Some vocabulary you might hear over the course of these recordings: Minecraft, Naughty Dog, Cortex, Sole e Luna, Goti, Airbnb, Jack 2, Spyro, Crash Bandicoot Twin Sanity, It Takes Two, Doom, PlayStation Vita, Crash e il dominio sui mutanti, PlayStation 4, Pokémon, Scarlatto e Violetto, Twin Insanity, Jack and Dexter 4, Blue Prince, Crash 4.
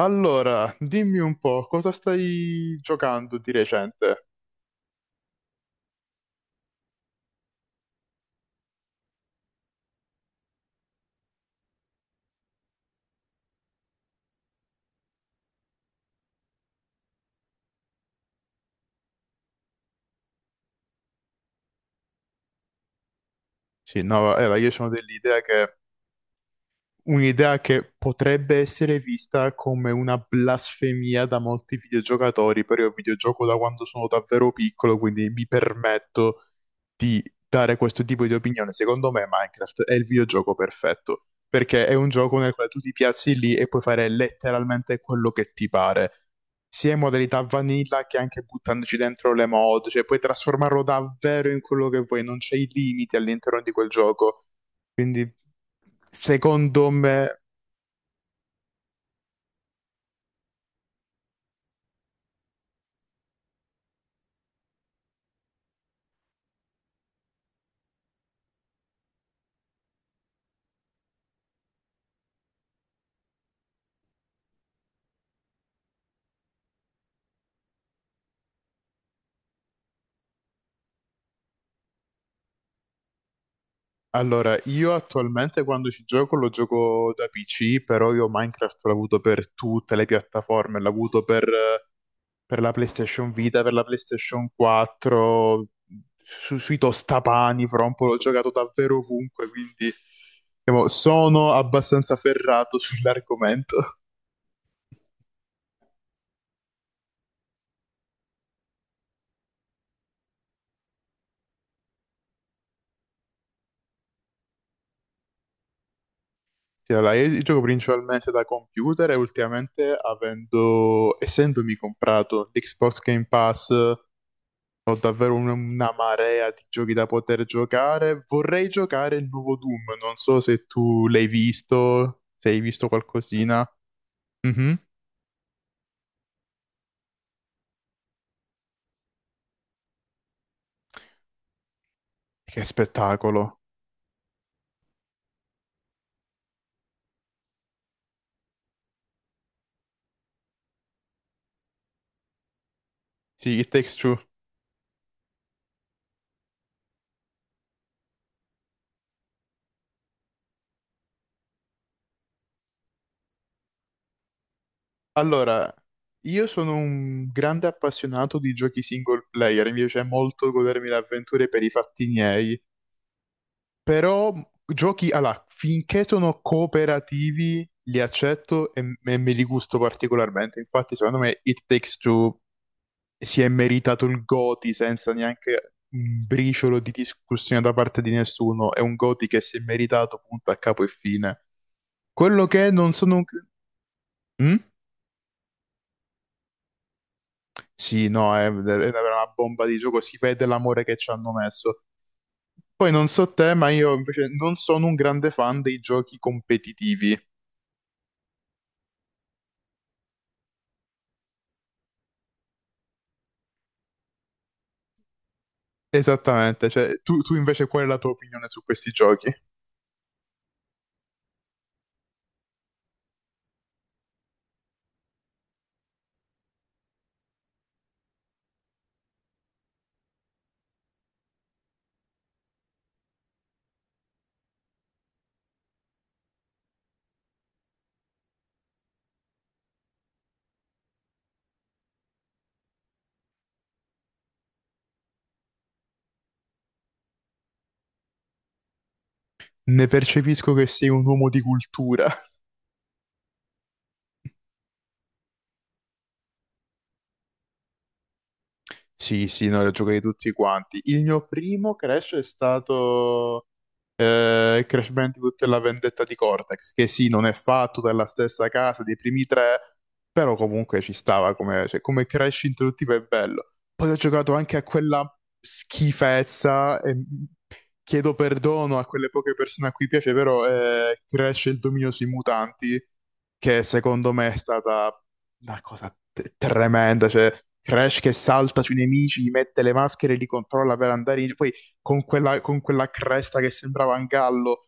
Allora, dimmi un po', cosa stai giocando di recente? Sì, no, era, io sono dell'idea che un'idea che potrebbe essere vista come una blasfemia da molti videogiocatori, però io videogioco da quando sono davvero piccolo, quindi mi permetto di dare questo tipo di opinione. Secondo me Minecraft è il videogioco perfetto, perché è un gioco nel quale tu ti piazzi lì e puoi fare letteralmente quello che ti pare, sia in modalità vanilla che anche buttandoci dentro le mod, cioè puoi trasformarlo davvero in quello che vuoi, non c'è i limiti all'interno di quel gioco. Quindi, secondo me, allora, io attualmente quando ci gioco lo gioco da PC, però io Minecraft l'ho avuto per tutte le piattaforme, per la PlayStation Vita, per la PlayStation 4, sui tostapani, fra un po' l'ho giocato davvero ovunque, quindi diciamo, sono abbastanza ferrato sull'argomento. Sì, allora, io gioco principalmente da computer e ultimamente essendomi comprato l'Xbox Game Pass. Ho davvero una marea di giochi da poter giocare. Vorrei giocare il nuovo Doom. Non so se tu l'hai visto, se hai visto qualcosina. Mhm. Che spettacolo. Sì, It Takes Two. Allora, io sono un grande appassionato di giochi single player. Mi piace molto godermi le avventure per i fatti miei. Però giochi, allora, finché sono cooperativi, li accetto e me li gusto particolarmente. Infatti, secondo me, It Takes Two si è meritato il Goti senza neanche un briciolo di discussione da parte di nessuno. È un Goti che si è meritato punto a capo e fine. Quello che non sono... un- Mm? Sì, no, è una bomba di gioco, si vede l'amore che ci hanno messo. Poi non so te, ma io invece non sono un grande fan dei giochi competitivi. Esattamente, cioè tu invece qual è la tua opinione su questi giochi? Ne percepisco che sei un uomo di cultura. Sì, sì, no, li ho giocati tutti quanti. Il mio primo Crash è stato Crash Bandicoot e la vendetta di Cortex, che sì, non è fatto dalla stessa casa dei primi tre, però comunque ci stava come, cioè, come Crash introduttivo è bello. Poi ho giocato anche a quella schifezza e chiedo perdono a quelle poche persone a cui piace, però Crash e il dominio sui mutanti, che secondo me è stata una cosa tremenda, cioè Crash che salta sui nemici, gli mette le maschere, li controlla per andare in... Poi con quella cresta che sembrava un gallo.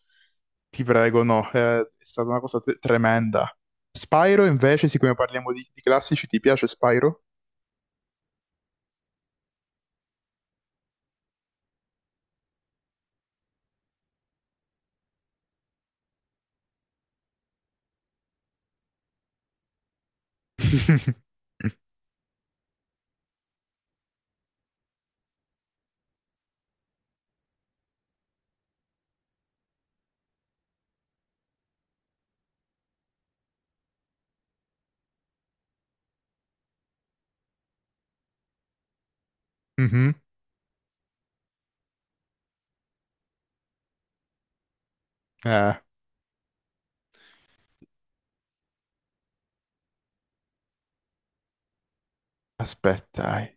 Ti prego, no, è stata una cosa tremenda. Spyro, invece, siccome parliamo di classici, ti piace Spyro? Mhm. Eh, aspetta.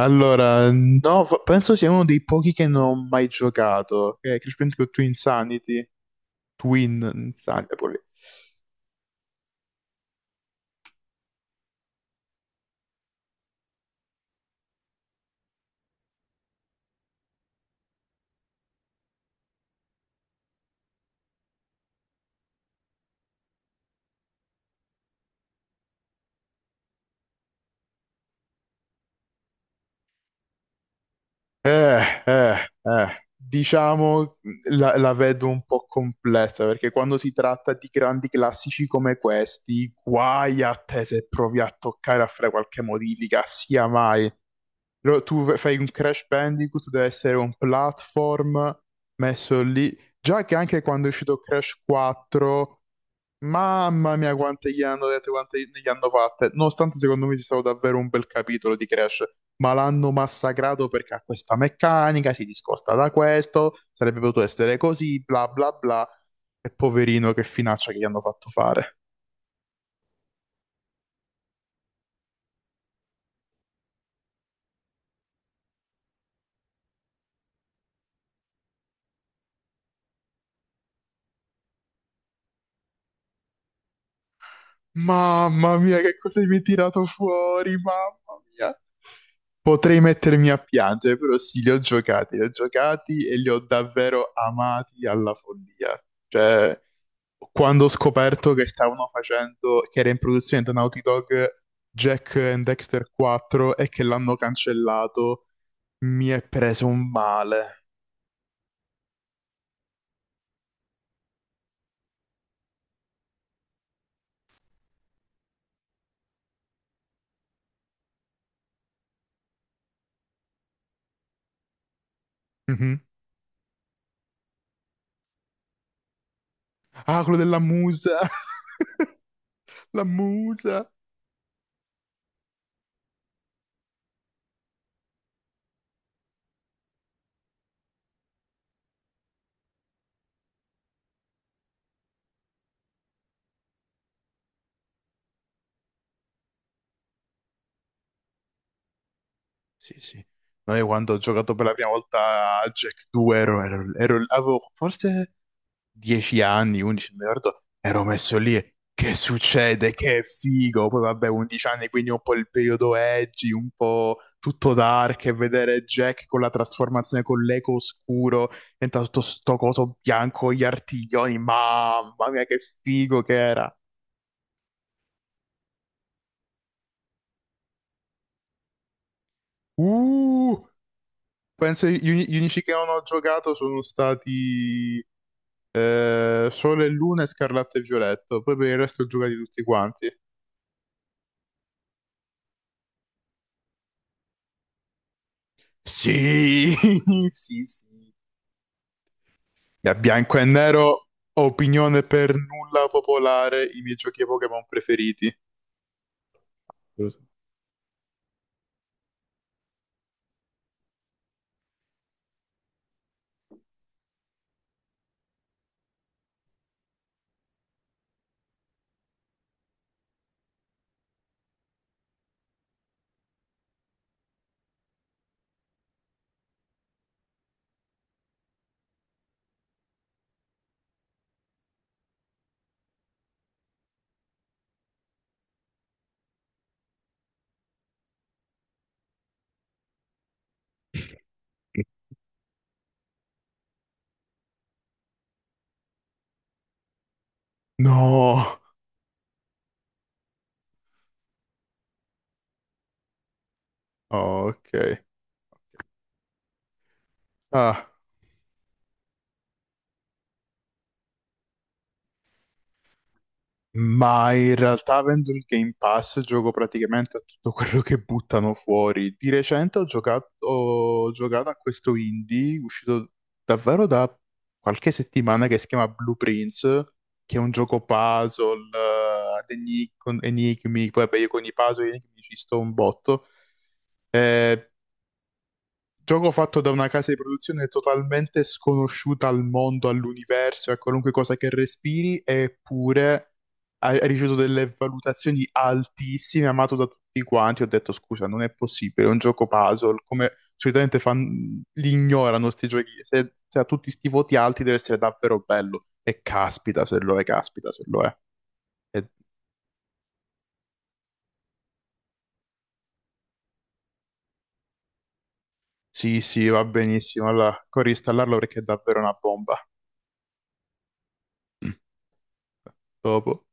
Allora, no, penso sia uno dei pochi che non ho mai giocato. Crash Bandicoot Twin Sanity. Twin Insanity, proprio lì. Eh, eh, eh. Diciamo la vedo un po' complessa perché quando si tratta di grandi classici come questi, guai a te se provi a toccare a fare qualche modifica, sia mai. Tu fai un Crash Bandicoot, deve essere un platform messo lì. Già che anche quando è uscito Crash 4, mamma mia, quante gli hanno dette, quante ne gli hanno fatte. Nonostante secondo me ci stato davvero un bel capitolo di Crash, ma l'hanno massacrato perché ha questa meccanica, si discosta da questo, sarebbe potuto essere così, bla bla bla. E poverino, che finaccia che gli hanno fatto fare. Mamma mia, che cosa mi hai tirato fuori, mamma mia. Potrei mettermi a piangere, però sì, li ho giocati e li ho davvero amati alla follia. Cioè, quando ho scoperto che stavano facendo, che era in produzione da Naughty Dog Jack and Dexter 4 e che l'hanno cancellato, mi è preso un male. Mhm. Ah, quello della musa, la musa. Sì, sì. Noi quando ho giocato per la prima volta a Jack 2 avevo forse 10 anni, 11, non mi ricordo, ero messo lì e che succede, che figo, poi vabbè 11 anni quindi un po' il periodo edgy, un po' tutto dark e vedere Jack con la trasformazione con l'eco oscuro, diventa tutto sto coso bianco, gli artiglioni, mamma mia che figo che era. Uh, penso gli unici che non ho giocato sono stati Sole e Luna e Scarlatto e Violetto, poi per il resto giocati tutti quanti. Sì, sì, sì. Da bianco e nero, opinione per nulla popolare, i miei giochi Pokémon preferiti. Lo so. No! Oh, ok. Ah. Ma in realtà avendo il Game Pass gioco praticamente a tutto quello che buttano fuori. Di recente ho giocato a questo indie uscito davvero da qualche settimana che si chiama Blue Prince, che è un gioco puzzle, ad enigmi, con enigmi, poi vabbè, io con i puzzle e gli enigmi ci sto un botto. Eh, Gioco fatto da una casa di produzione totalmente sconosciuta al mondo, all'universo, a qualunque cosa che respiri, eppure ha ricevuto delle valutazioni altissime, amato da tutti quanti. Ho detto, scusa, non è possibile, è un gioco puzzle, come solitamente li ignorano sti giochi. Se ha tutti sti voti alti deve essere davvero bello. E caspita se lo è, caspita se lo è. E- sì, sì, va benissimo. Allora, corri installarlo perché è davvero una bomba. Mm. Dopo.